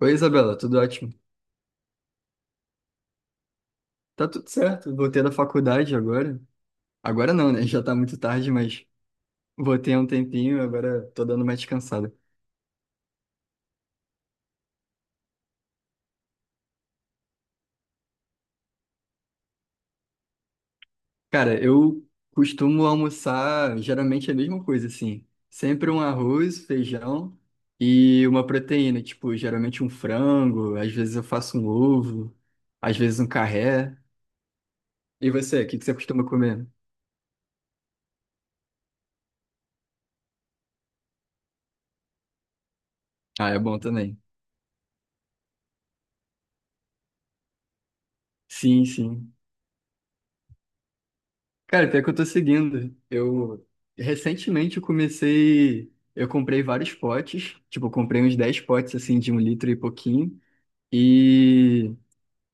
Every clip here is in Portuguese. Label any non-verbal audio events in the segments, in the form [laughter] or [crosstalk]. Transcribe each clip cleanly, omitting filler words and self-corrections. Oi, Isabela, tudo ótimo? Tá tudo certo, voltei da faculdade agora. Agora não, né? [laughs] Já tá muito tarde, mas voltei há um tempinho, agora tô dando uma descansada. Cara, eu costumo almoçar geralmente a mesma coisa, assim. Sempre um arroz, feijão e uma proteína, tipo, geralmente um frango, às vezes eu faço um ovo, às vezes um carré. E você, o que que você costuma comer? Ah, é bom também. Sim, sim. Cara, pior que eu tô seguindo. Eu recentemente eu comecei. Eu comprei vários potes. Tipo, eu comprei uns 10 potes assim de um litro e pouquinho. E,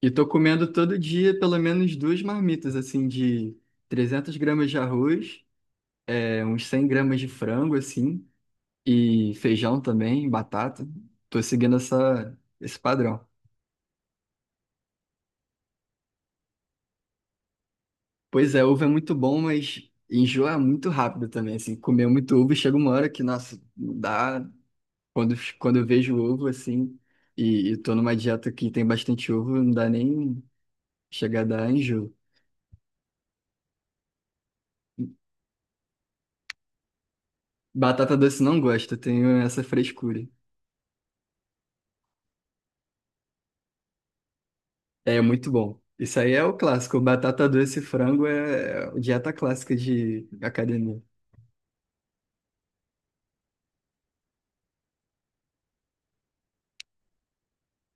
e tô comendo todo dia pelo menos duas marmitas assim de 300 gramas de arroz, uns 100 gramas de frango assim, e feijão também, batata. Tô seguindo esse padrão. Pois é, ovo é muito bom, mas enjoa muito rápido também, assim. Comer muito ovo chega uma hora que, nossa, não dá. Quando eu vejo ovo, assim, e tô numa dieta que tem bastante ovo, não dá nem chegar a dar enjoo. Batata doce não gosto, eu tenho essa frescura. É muito bom. Isso aí é o clássico. Batata doce e frango é dieta clássica de academia.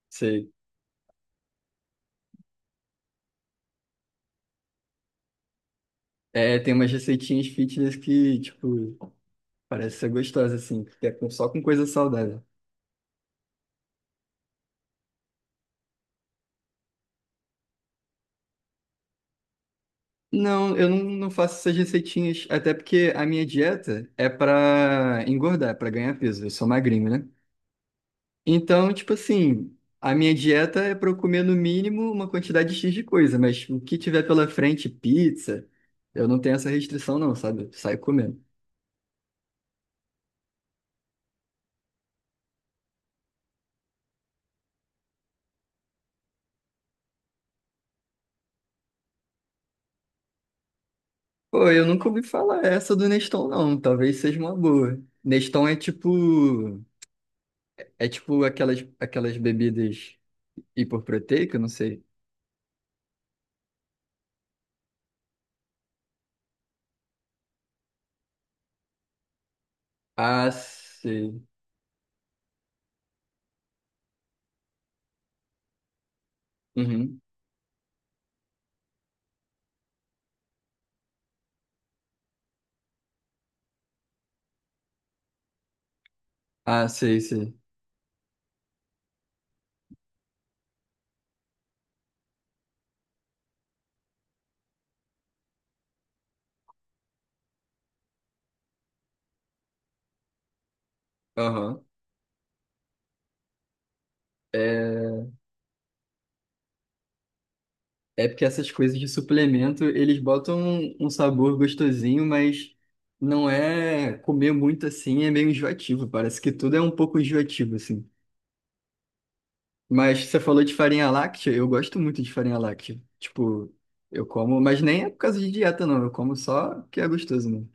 Sei. É, tem umas receitinhas fitness que, tipo, parece ser gostosa, assim, que é com- só com coisa saudável. Não, eu não faço essas receitinhas, até porque a minha dieta é pra engordar, pra ganhar peso. Eu sou magrinho, né? Então, tipo assim, a minha dieta é para eu comer no mínimo uma quantidade X de coisa, mas o que tiver pela frente, pizza, eu não tenho essa restrição não, sabe? Eu saio comendo. Pô, eu nunca ouvi falar essa do Neston não, talvez seja uma boa. Neston é tipo aquelas bebidas hiperproteicas, não sei. Ah, sei. Uhum. Ah, sei, sei. Aham. É, É porque essas coisas de suplemento, eles botam um, um sabor gostosinho, mas não é comer muito assim, é meio enjoativo. Parece que tudo é um pouco enjoativo, assim. Mas você falou de farinha láctea, eu gosto muito de farinha láctea. Tipo, eu como, mas nem é por causa de dieta, não. Eu como só porque é gostoso, né?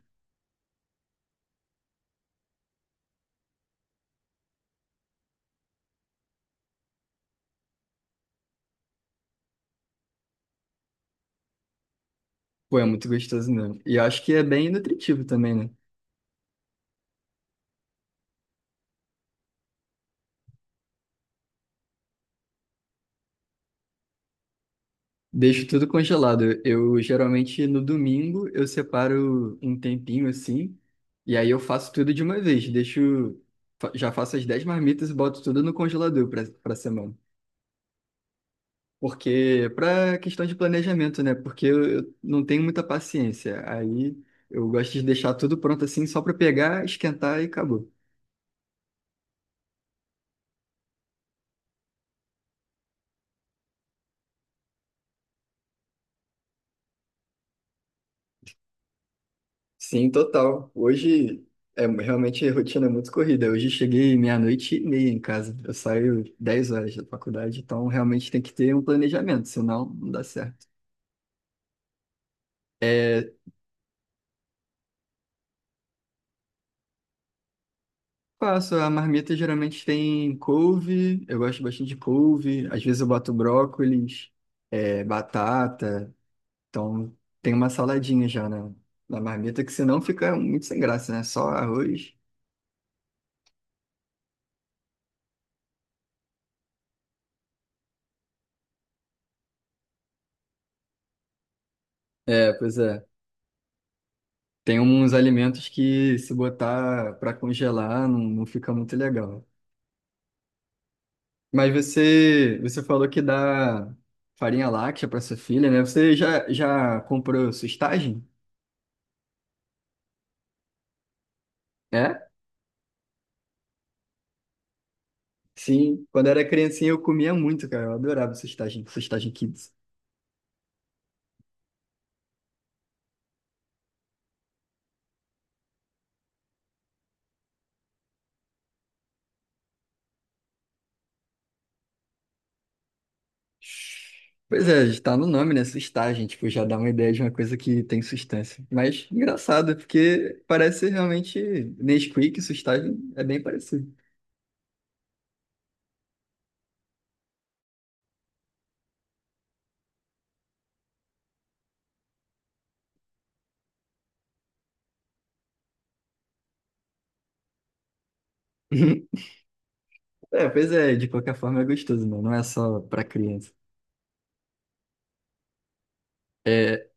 Pô, é muito gostoso mesmo. E eu acho que é bem nutritivo também, né? Deixo tudo congelado. Eu geralmente no domingo eu separo um tempinho assim, e aí eu faço tudo de uma vez. Deixo, já faço as 10 marmitas e boto tudo no congelador para semana. Porque para questão de planejamento, né? Porque eu não tenho muita paciência. Aí eu gosto de deixar tudo pronto assim só para pegar, esquentar e acabou. Sim, total. Hoje é realmente a rotina é muito corrida. Hoje cheguei meia-noite e meia em casa. Eu saio 10 horas da faculdade, então realmente tem que ter um planejamento, senão não dá certo. É, Faço, a marmita geralmente tem couve, eu gosto bastante de couve, às vezes eu boto brócolis, batata, então tem uma saladinha já na marmita, que senão fica muito sem graça, né? Só arroz. É, pois é. Tem uns alimentos que se botar para congelar não fica muito legal. Mas você falou que dá farinha láctea para sua filha, né? Você já comprou sustagem? É? Sim. Quando era criancinha eu comia muito, cara. Eu adorava sustagem, sustagem kids. Pois é, está no nome, né? Sustagem, tipo, já dá uma ideia de uma coisa que tem sustância. Mas engraçado, porque parece realmente Nesquik, sustagem é bem parecido. [laughs] É, pois é, de qualquer forma é gostoso, né? Não é só pra criança. É,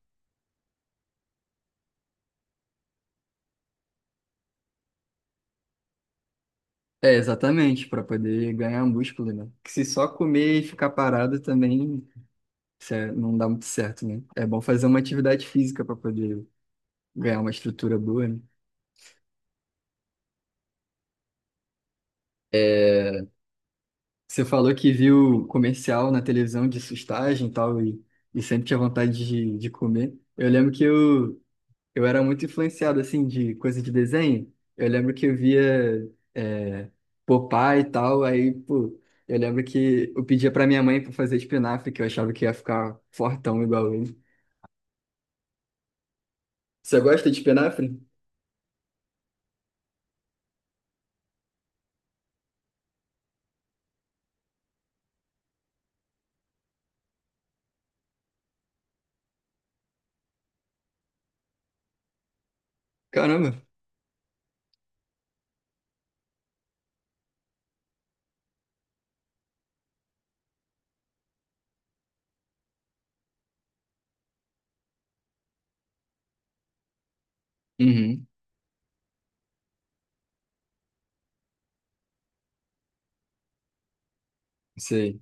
é exatamente, pra poder ganhar um músculo, né? Que se só comer e ficar parado também não dá muito certo, né? É bom fazer uma atividade física pra poder ganhar uma estrutura boa, né? É, você falou que viu comercial na televisão de sustagem e tal, e sempre tinha vontade de comer. Eu lembro que eu era muito influenciado, assim, de coisa de desenho. Eu lembro que eu via Popeye e tal, aí, pô, eu lembro que eu pedia pra minha mãe pra fazer espinafre, que eu achava que ia ficar fortão igual ele. Você gosta de espinafre? Caramba! Uhum, sei.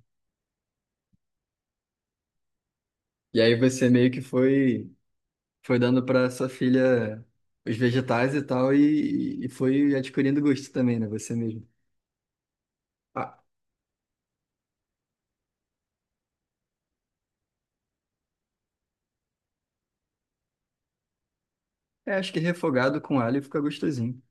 E aí você meio que foi dando pra sua filha os vegetais e tal, e foi adquirindo gosto também, né? Você mesmo. Ah, é, acho que refogado com alho fica gostosinho.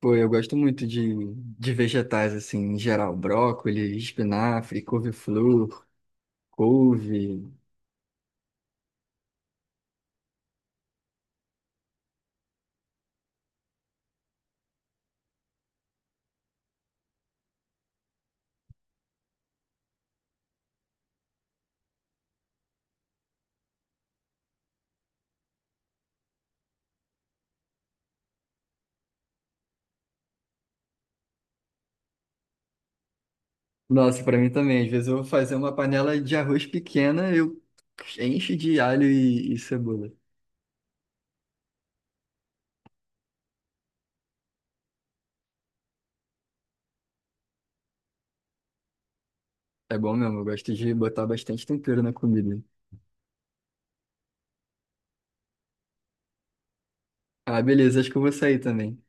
Pô, eu gosto muito de vegetais, assim, em geral. Brócolis, espinafre, couve-flor, couve. Nossa, pra mim também. Às vezes eu vou fazer uma panela de arroz pequena, eu encho de alho e cebola. É bom mesmo, eu gosto de botar bastante tempero na comida. Ah, beleza, acho que eu vou sair também.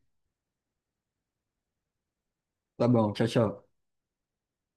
Tá bom, tchau, tchau.